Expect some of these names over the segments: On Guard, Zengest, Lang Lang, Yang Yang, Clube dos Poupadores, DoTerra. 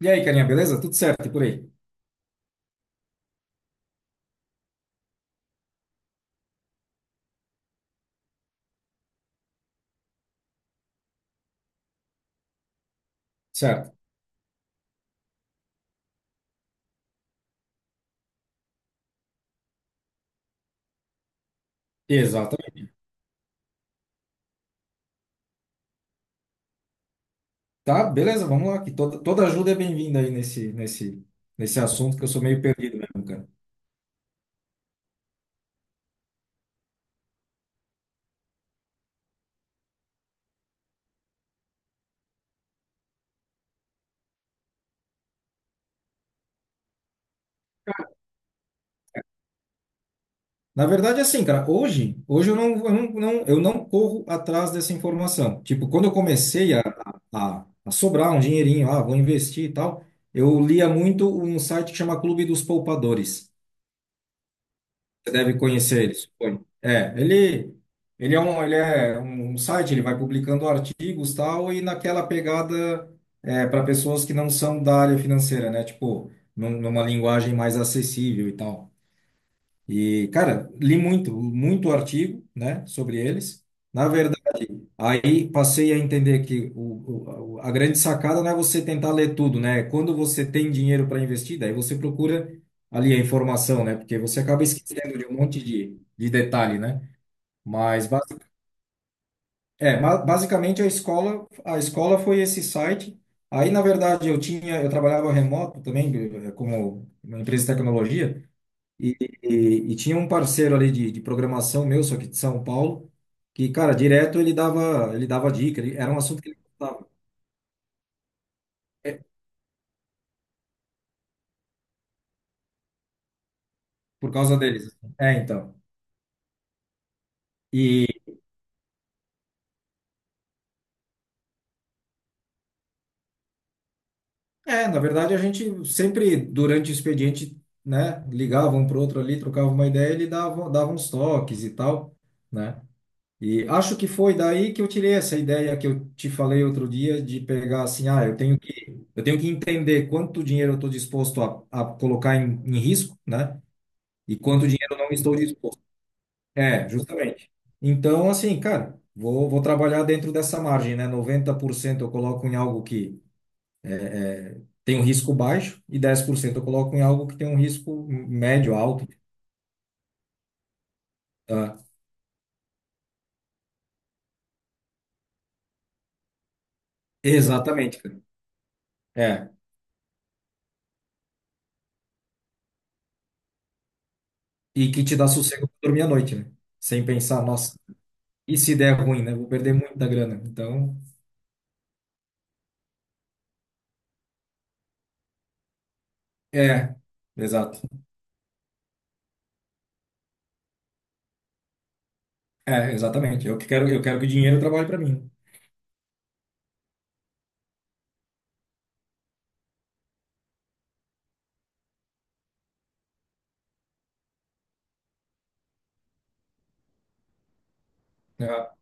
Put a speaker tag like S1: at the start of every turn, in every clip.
S1: E aí, carinha, beleza? Tudo certo e por aí? Certo. Exatamente. Tá, beleza, vamos lá, que toda ajuda é bem-vinda aí nesse assunto que eu sou meio perdido mesmo, cara. Na verdade, é assim, cara, hoje eu não corro atrás dessa informação. Tipo, quando eu comecei a sobrar um dinheirinho, ah, vou investir e tal, eu lia muito um site que chama Clube dos Poupadores. Você deve conhecer ele, suponho. Ele é um, ele é um site, ele vai publicando artigos tal, e naquela pegada é, para pessoas que não são da área financeira, né? Tipo, numa linguagem mais acessível e tal. E, cara, li muito, muito artigo, né, sobre eles. Na Aí passei a entender que a grande sacada não é você tentar ler tudo, né? Quando você tem dinheiro para investir, daí você procura ali a informação, né? Porque você acaba esquecendo de um monte de detalhe, né? Mas basi- basicamente a escola foi esse site. Aí, na verdade, eu trabalhava remoto também, como uma empresa de tecnologia. E, e tinha um parceiro ali de programação meu, só que de São Paulo, que, cara, direto ele dava dica, era um assunto que ele gostava, é, por causa deles. Assim. É, então. E, é, na verdade, a gente sempre, durante o expediente, né, ligava um pro outro ali, trocava uma ideia, dava uns toques e tal, né? E acho que foi daí que eu tirei essa ideia que eu te falei outro dia de pegar assim, ah, eu tenho que entender quanto dinheiro eu estou disposto a colocar em, em risco, né? E quanto dinheiro eu não estou disposto? É, justamente. Então, assim, cara, vou trabalhar dentro dessa margem, né? 90% eu coloco em algo que tem um risco baixo e 10% eu coloco em algo que tem um risco médio, alto. Tá? Exatamente, cara. É. E que te dá sossego pra dormir à noite, né? Sem pensar, nossa, e se der ruim, né? Vou perder muita grana. Então, é, exato. É, exatamente. Eu que quero, eu quero que o dinheiro trabalhe para mim. Né? Ah,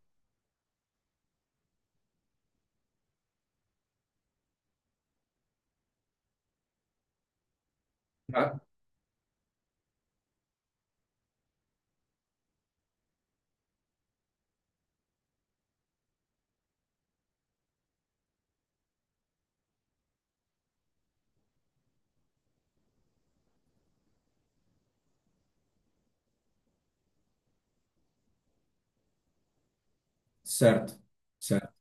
S1: ah, certo. Certo.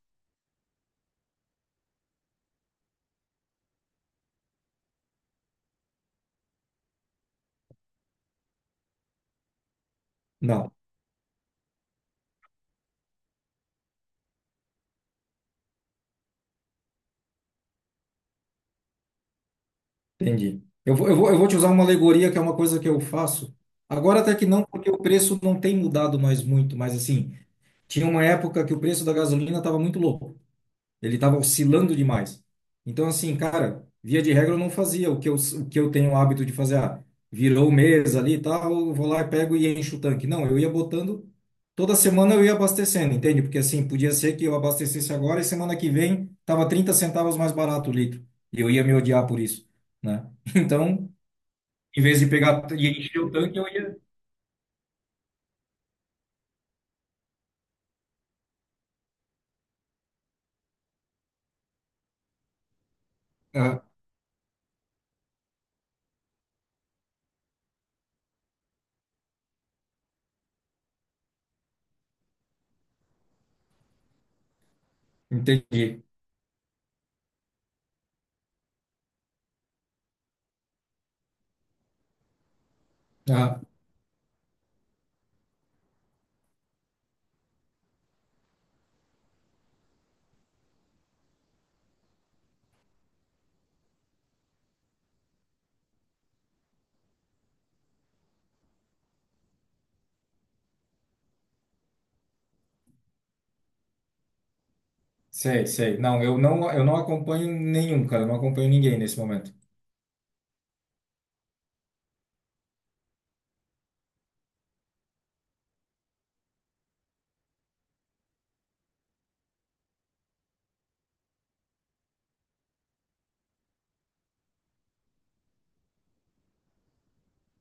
S1: Não. Entendi. Eu vou te usar uma alegoria que é uma coisa que eu faço. Agora até que não, porque o preço não tem mudado mais muito, mas assim, tinha uma época que o preço da gasolina estava muito louco. Ele estava oscilando demais. Então, assim, cara, via de regra eu não fazia o que eu tenho o hábito de fazer. Ah, virou mesa ali e tal, eu vou lá e pego e encho o tanque. Não, eu ia botando, toda semana eu ia abastecendo, entende? Porque assim, podia ser que eu abastecesse agora e semana que vem tava 30 centavos mais barato o litro. E eu ia me odiar por isso, né? Então, em vez de pegar e encher o tanque, eu ia. Ah, entendi. Ah, sei, sei. Não, eu não acompanho nenhum, cara, eu não acompanho ninguém nesse momento.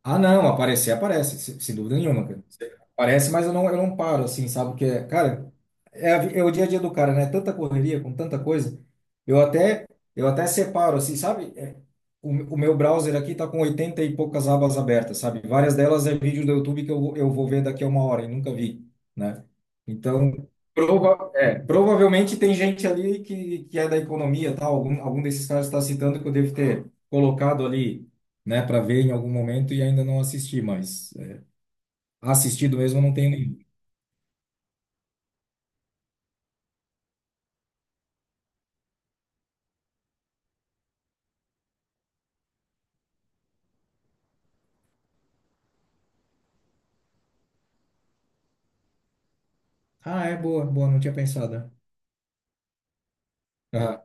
S1: Ah, não, aparecer, aparece, sem dúvida nenhuma, cara. Aparece, mas eu não paro, assim, sabe? Porque, cara, é, é o dia a dia do cara, né? Tanta correria, com tanta coisa, eu até, eu até separo, assim, sabe? É, o, o meu browser aqui tá com 80 e poucas abas abertas, sabe? Várias delas é vídeo do YouTube que eu vou ver daqui a uma hora e nunca vi, né? Então, provavelmente tem gente ali que é da economia, tal, algum, algum desses caras está citando que eu devo ter colocado ali né, para ver em algum momento e ainda não assisti, mas é, assistido mesmo eu não tenho nenhum. Ah, é boa, boa, não tinha pensado. Aham,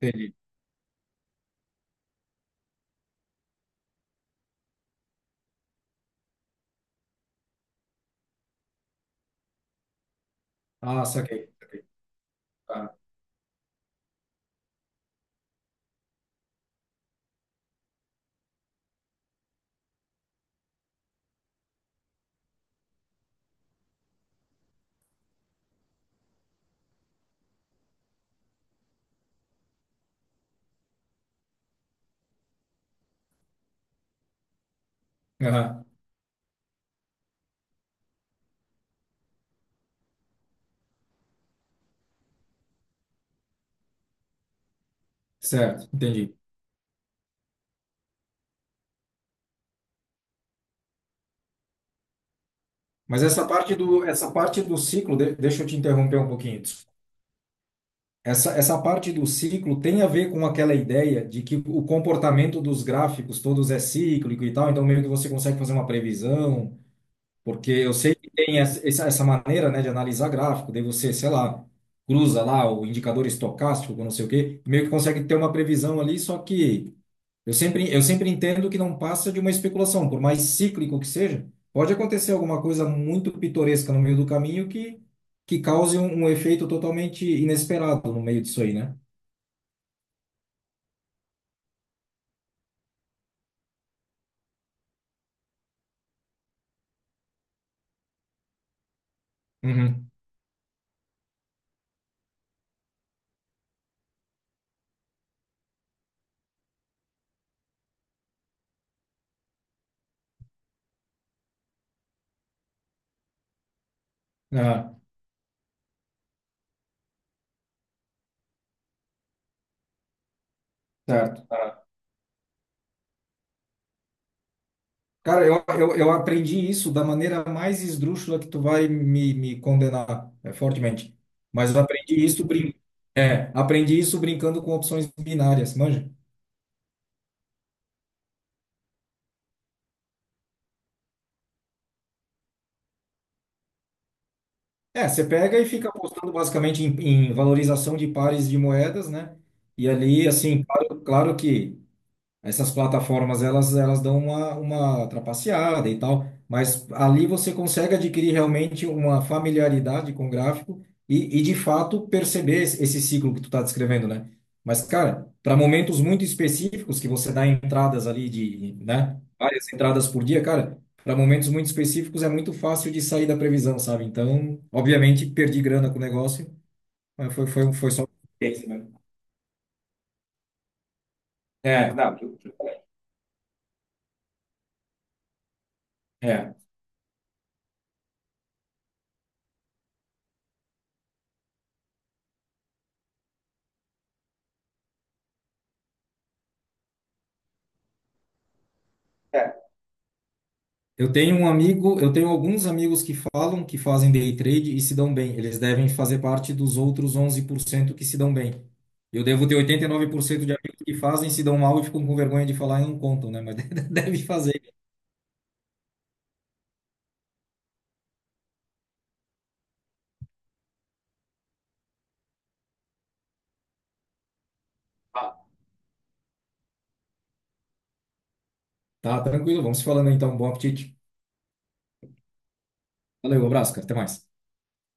S1: entendi. Ah, saquei. Saquei. Ah, aham, certo, entendi. Mas essa parte do ciclo, deixa eu te interromper um pouquinho. Desculpa. Essa parte do ciclo tem a ver com aquela ideia de que o comportamento dos gráficos todos é cíclico e tal, então meio que você consegue fazer uma previsão. Porque eu sei que tem maneira, né, de analisar gráfico, daí você, sei lá, cruza lá o indicador estocástico com não sei o quê, meio que consegue ter uma previsão ali, só que eu sempre entendo que não passa de uma especulação, por mais cíclico que seja, pode acontecer alguma coisa muito pitoresca no meio do caminho que cause um, um efeito totalmente inesperado no meio disso aí, né? Uhum. Ah, certo. Cara, eu aprendi isso da maneira mais esdrúxula que tu vai me, me condenar, é, fortemente. Mas eu aprendi isso, brin é, aprendi isso brincando com opções binárias, manja? É, você pega e fica apostando basicamente em, em valorização de pares de moedas, né? E ali, assim, claro que essas plataformas, elas dão uma trapaceada e tal, mas ali você consegue adquirir realmente uma familiaridade com o gráfico e de fato, perceber esse ciclo que tu está descrevendo, né? Mas, cara, para momentos muito específicos, que você dá entradas ali de, né, várias entradas por dia, cara, para momentos muito específicos é muito fácil de sair da previsão, sabe? Então, obviamente, perdi grana com o negócio, mas foi só... Esse, né? É, não, é. Eu tenho um amigo, eu tenho alguns amigos que falam que fazem day trade e se dão bem. Eles devem fazer parte dos outros 11% que se dão bem. Eu devo ter 89% de amigos que fazem, se dão mal e ficam com vergonha de falar e não contam, né? Mas deve fazer. Ah, tá, tranquilo. Vamos se falando então. Bom apetite. Valeu, um abraço, cara. Até mais.